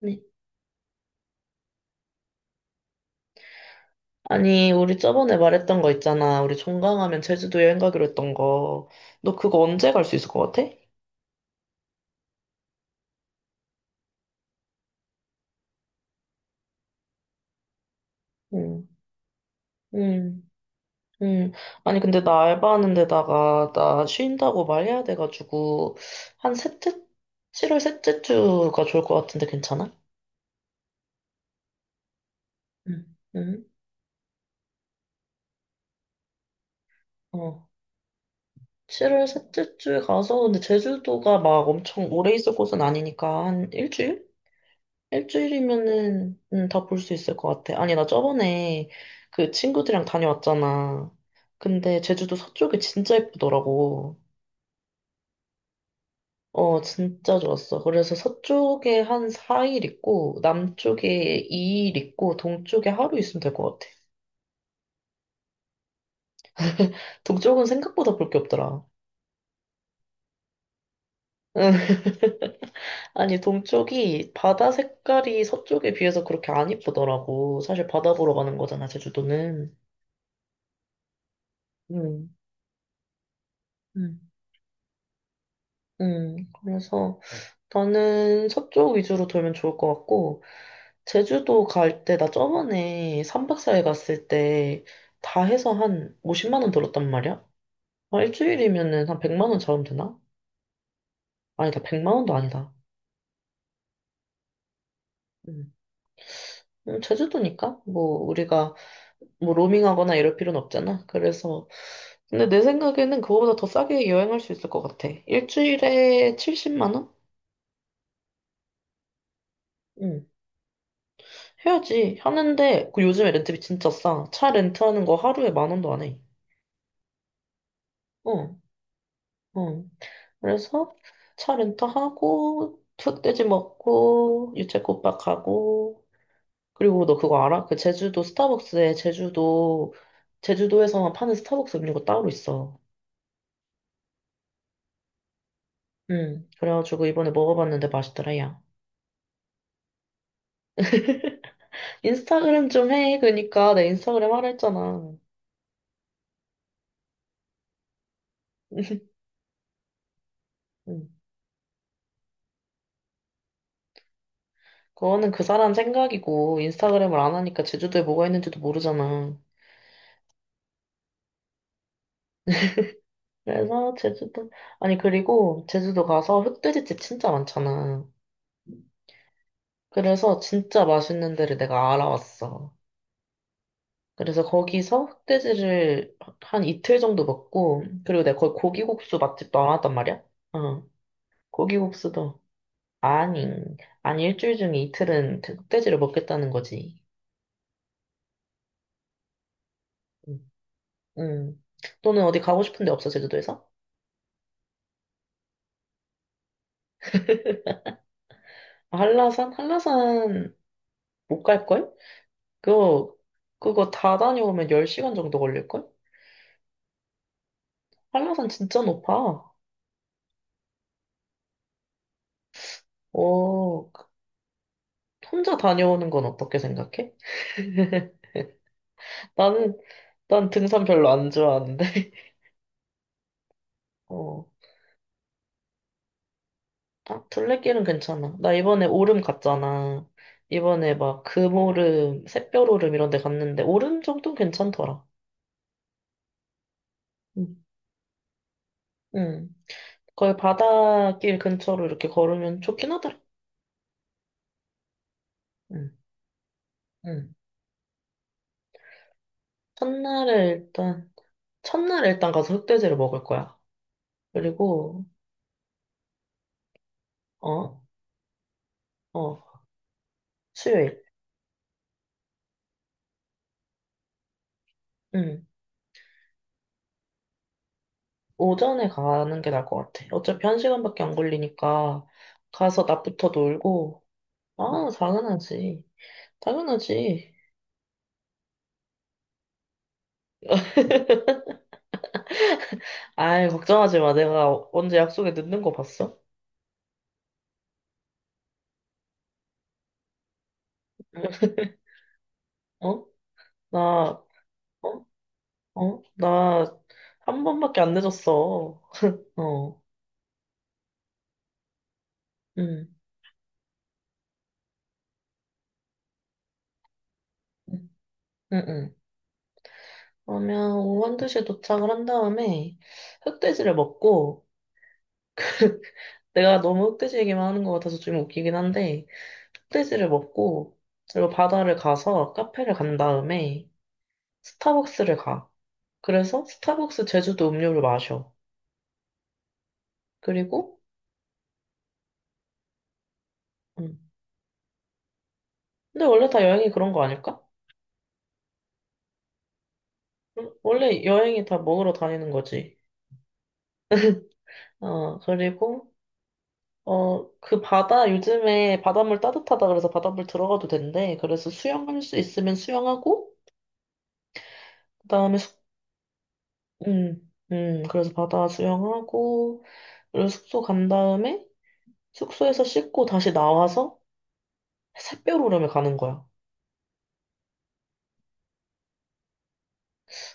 네. 아니, 우리 저번에 말했던 거 있잖아. 우리 종강하면 제주도 여행 가기로 했던 거. 너 그거 언제 갈 수 있을 것 같아? 응, 응, 응. 아니, 근데 나 알바하는 데다가 나 쉰다고 말해야 돼가지고, 한 셋째, 7월 셋째 주가 좋을 것 같은데 괜찮아? 응, 응, 어. 7월 셋째 주에 가서, 근데 제주도가 막 엄청 오래 있을 곳은 아니니까, 한 일주일? 일주일이면은 다볼 수 있을 것 같아. 아니, 나 저번에 그 친구들이랑 다녀왔잖아. 근데 제주도 서쪽이 진짜 예쁘더라고. 어, 진짜 좋았어. 그래서 서쪽에 한 4일 있고, 남쪽에 2일 있고, 동쪽에 하루 있으면 될 것 같아. 동쪽은 생각보다 볼 게 없더라. 아니, 동쪽이 바다 색깔이 서쪽에 비해서 그렇게 안 예쁘더라고. 사실 바다 보러 가는 거잖아, 제주도는. 음. 음. 그래서 나는 서쪽 위주로 돌면 좋을 것 같고, 제주도 갈 때, 나 저번에 3박 4일 갔을 때, 다 해서 한 50만 원 들었단 말이야? 아, 일주일이면은 한 100만 원 잡으면 되나? 아니다, 100만 원도 아니다. 음, 제주도니까? 뭐, 우리가, 뭐, 로밍하거나 이럴 필요는 없잖아. 그래서, 근데 내 생각에는 그거보다 더 싸게 여행할 수 있을 것 같아. 일주일에 70만 원? 응, 해야지. 하는데, 그 요즘에 렌트비 진짜 싸. 차 렌트하는 거 하루에 만 원도 안 해. 응, 응. 그래서 차 렌트하고, 흑돼지 먹고, 유채꽃밭 가고, 그리고 너 그거 알아? 그 제주도 스타벅스에 제주도에서만 파는 스타벅스 음료가 따로 있어. 응, 그래가지고 이번에 먹어봤는데 맛있더라, 야. 인스타그램 좀 해. 그러니까 내 인스타그램 하라 했잖아. 응. 그거는 그 사람 생각이고, 인스타그램을 안 하니까 제주도에 뭐가 있는지도 모르잖아. 그래서 제주도, 아니, 그리고 제주도 가서 흑돼지집 진짜 많잖아. 그래서 진짜 맛있는 데를 내가 알아왔어. 그래서 거기서 흑돼지를 한 이틀 정도 먹고, 그리고 내가 거기 고기국수 맛집도 알왔단 말이야? 응. 고기국수도. 아니, 아니, 일주일 중에 이틀은 흑돼지를 먹겠다는 거지. 응. 응. 너는 어디 가고 싶은 데 없어, 제주도에서? 아, 한라산? 한라산 못 갈걸? 그거, 그거 다 다녀오면 10시간 정도 걸릴걸? 한라산 진짜 높아. 오, 혼자 다녀오는 건 어떻게 생각해? 나는 난 등산 별로 안 좋아하는데. 어, 아, 둘레길은 괜찮아. 나 이번에 오름 갔잖아. 이번에 막 금오름, 샛별오름 이런 데 갔는데 오름 정도는 괜찮더라. 응. 응. 거의 바닷길 근처로 이렇게 걸으면 좋긴 하더라. 응. 응. 첫날에 일단 첫날에 일단 가서 흑돼지를 먹을 거야. 그리고 어, 어, 수요일. 응. 오전에 가는 게 나을 것 같아. 어차피 한 시간밖에 안 걸리니까 가서 낮부터 놀고 아, 당연하지. 당연하지. 아이, 걱정하지 마. 내가 언제 약속에 늦는 거 봤어? 어? 나, 어? 어? 나 한 번밖에 안 늦었어. 어, 응, 응, 응. 응. 그러면 오후 한두시에 도착을 한 다음에 흑돼지를 먹고, 내가 너무 흑돼지 얘기만 하는 것 같아서 좀 웃기긴 한데, 흑돼지를 먹고, 그리고 바다를 가서 카페를 간 다음에 스타벅스를 가. 그래서 스타벅스 제주도 음료를 마셔. 그리고, 응. 근데 원래 다 여행이 그런 거 아닐까? 응? 원래 여행이 다 먹으러 다니는 거지. 어, 그리고, 어, 그 바다, 요즘에 바닷물 따뜻하다 그래서 바닷물 들어가도 된대. 그래서 수영할 수 있으면 수영하고, 그 다음에 그래서 바다 수영하고, 그리고 숙소 간 다음에 숙소에서 씻고 다시 나와서 샛별 오름에 가는 거야.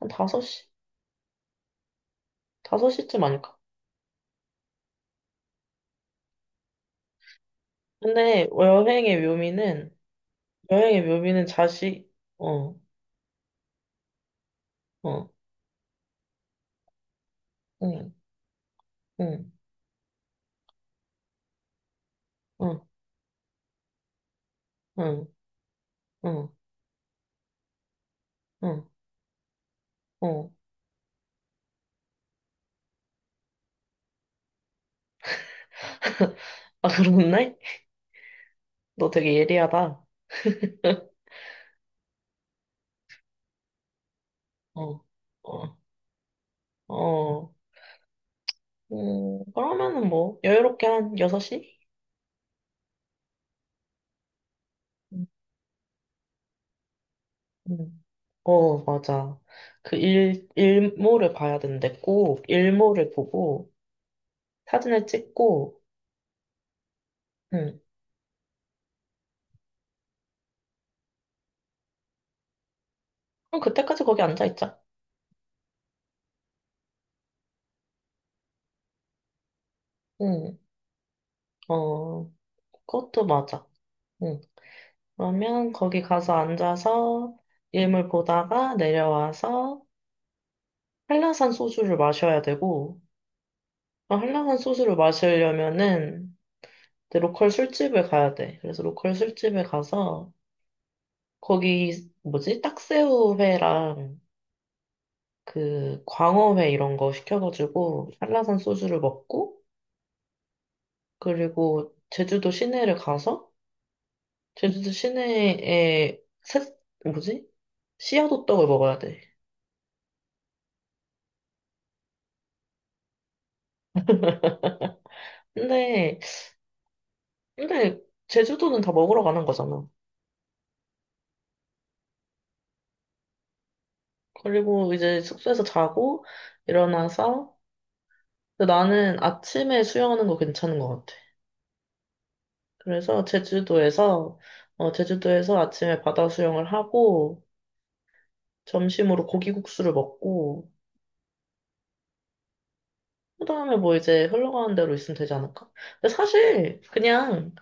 한 5시? 5시쯤 아닐까? 근데 여행의 묘미는 자식, 어, 어, 응. 응. 응, 응, 응, 응, 어. 아, 그렇네? 너 되게 예리하다. 어, 어, 어. 그러면은 뭐, 여유롭게 한 6시? 음, 음. 어, 맞아. 그 일몰을 봐야 되는데 꼭 일몰을 보고 사진을 찍고, 응. 그럼 그때까지 거기 앉아있자. 응, 어, 그것도 맞아. 응. 그러면 거기 가서 앉아서 일몰 보다가 내려와서 한라산 소주를 마셔야 되고, 어, 한라산 소주를 마시려면은 이제 로컬 술집을 가야 돼. 그래서 로컬 술집에 가서 거기 뭐지? 딱새우회랑 그 광어회 이런 거 시켜가지고 한라산 소주를 먹고 그리고 제주도 시내를 가서 제주도 시내에 뭐지? 씨앗호떡을 먹어야 돼. 근데 근데 제주도는 다 먹으러 가는 거잖아. 그리고 이제 숙소에서 자고 일어나서 근데 나는 아침에 수영하는 거 괜찮은 것 같아. 그래서 제주도에서, 어, 제주도에서 아침에 바다 수영을 하고, 점심으로 고기국수를 먹고, 그다음에 뭐 이제 흘러가는 대로 있으면 되지 않을까? 근데 사실, 그냥,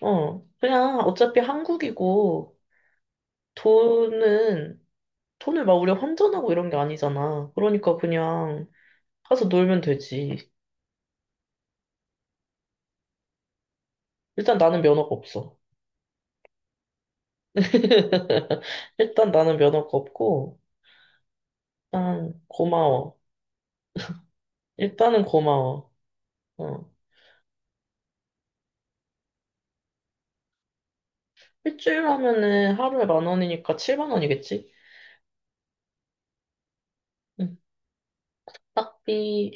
어, 그냥 어차피 한국이고, 돈은, 돈을 막 우리가 환전하고 이런 게 아니잖아. 그러니까 그냥 가서 놀면 되지. 일단 나는 면허가 없어. 일단 나는 면허가 없고, 일단 고마워. 일단은 고마워. 어. 일주일 하면은 하루에 만 원이니까 7만 원이겠지? 응. 숙박비.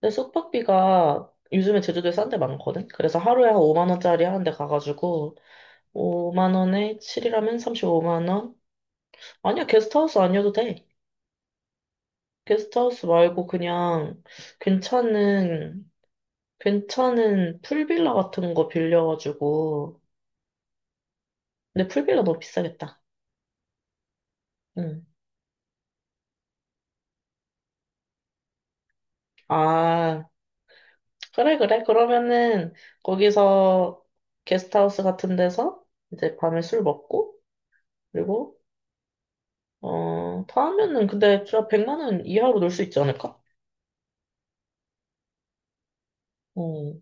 근데 숙박비가 요즘에 제주도에 싼 데 많거든? 그래서 하루에 한 5만 원짜리 하는데 가가지고 5만 원에 7이라면 35만 원? 아니야, 게스트하우스 아니어도 돼. 게스트하우스 말고 그냥 괜찮은, 괜찮은 풀빌라 같은 거 빌려가지고. 근데 풀빌라 너무 비싸겠다. 응. 아, 그래, 그래. 그러면은 거기서 게스트하우스 같은 데서 이제 밤에 술 먹고 그리고 어, 다 하면은 근데 진짜 100만 원 이하로 놀 수 있지 않을까? 어.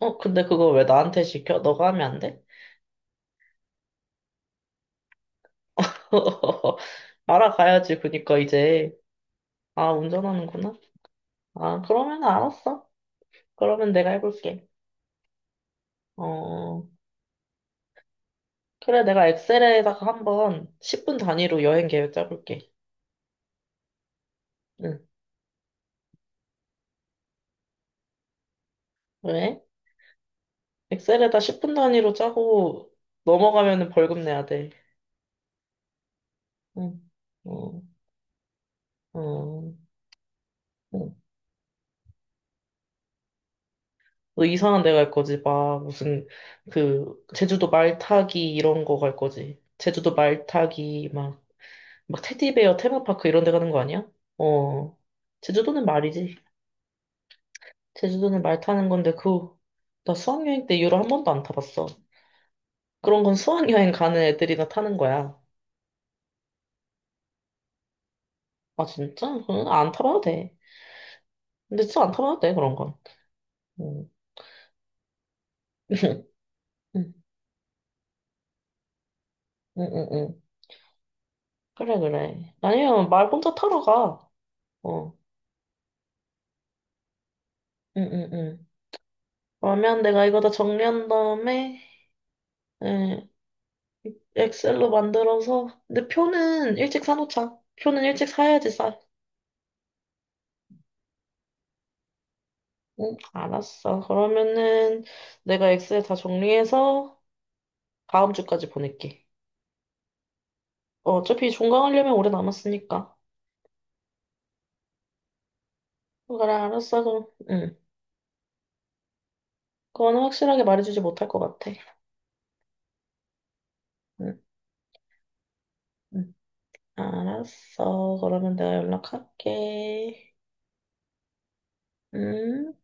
어, 근데 그거 왜 나한테 시켜? 너가 하면 안 돼? 알아가야지. 그니까 이제 아, 운전하는구나. 아, 그러면 알았어. 그러면 내가 해볼게. 어. 그래, 내가 엑셀에다가 한번 10분 단위로 여행 계획 짜볼게. 응. 왜? 엑셀에다 10분 단위로 짜고 넘어가면은 벌금 내야 돼. 응. 어, 어, 어. 너 이상한 데 갈 거지. 막 무슨 그 제주도 말 타기 이런 거 갈 거지. 제주도 말 타기 막 테디베어 테마파크 이런 데 가는 거 아니야? 어. 제주도는 말이지. 제주도는 말 타는 건데 그 나 수학여행 때 이후로 한 번도 안 타봤어. 그런 건 수학여행 가는 애들이나 타는 거야. 아 진짜? 그건 안 타봐도 돼. 근데 진짜 안 타봐도 돼 그런 건. 음. 응, 응, 응, 응, 그래, 그래. 아니면 말 혼자 타러 가. 어. 응, 응, 응. 그러면 내가 이거 다 정리한 다음에, 예, 엑셀로 만들어서. 근데 표는 일찍 사놓자. 표는 일찍 사야지 싸. 응. 알았어. 그러면은 내가 엑셀 다 정리해서 다음 주까지 보낼게. 어, 어차피 종강하려면 오래 남았으니까. 그래, 알았어. 그럼, 응. 그건 확실하게 말해주지 못할 것 같아. 응, 응. 알았어. 그러면 내가 연락할게. 음.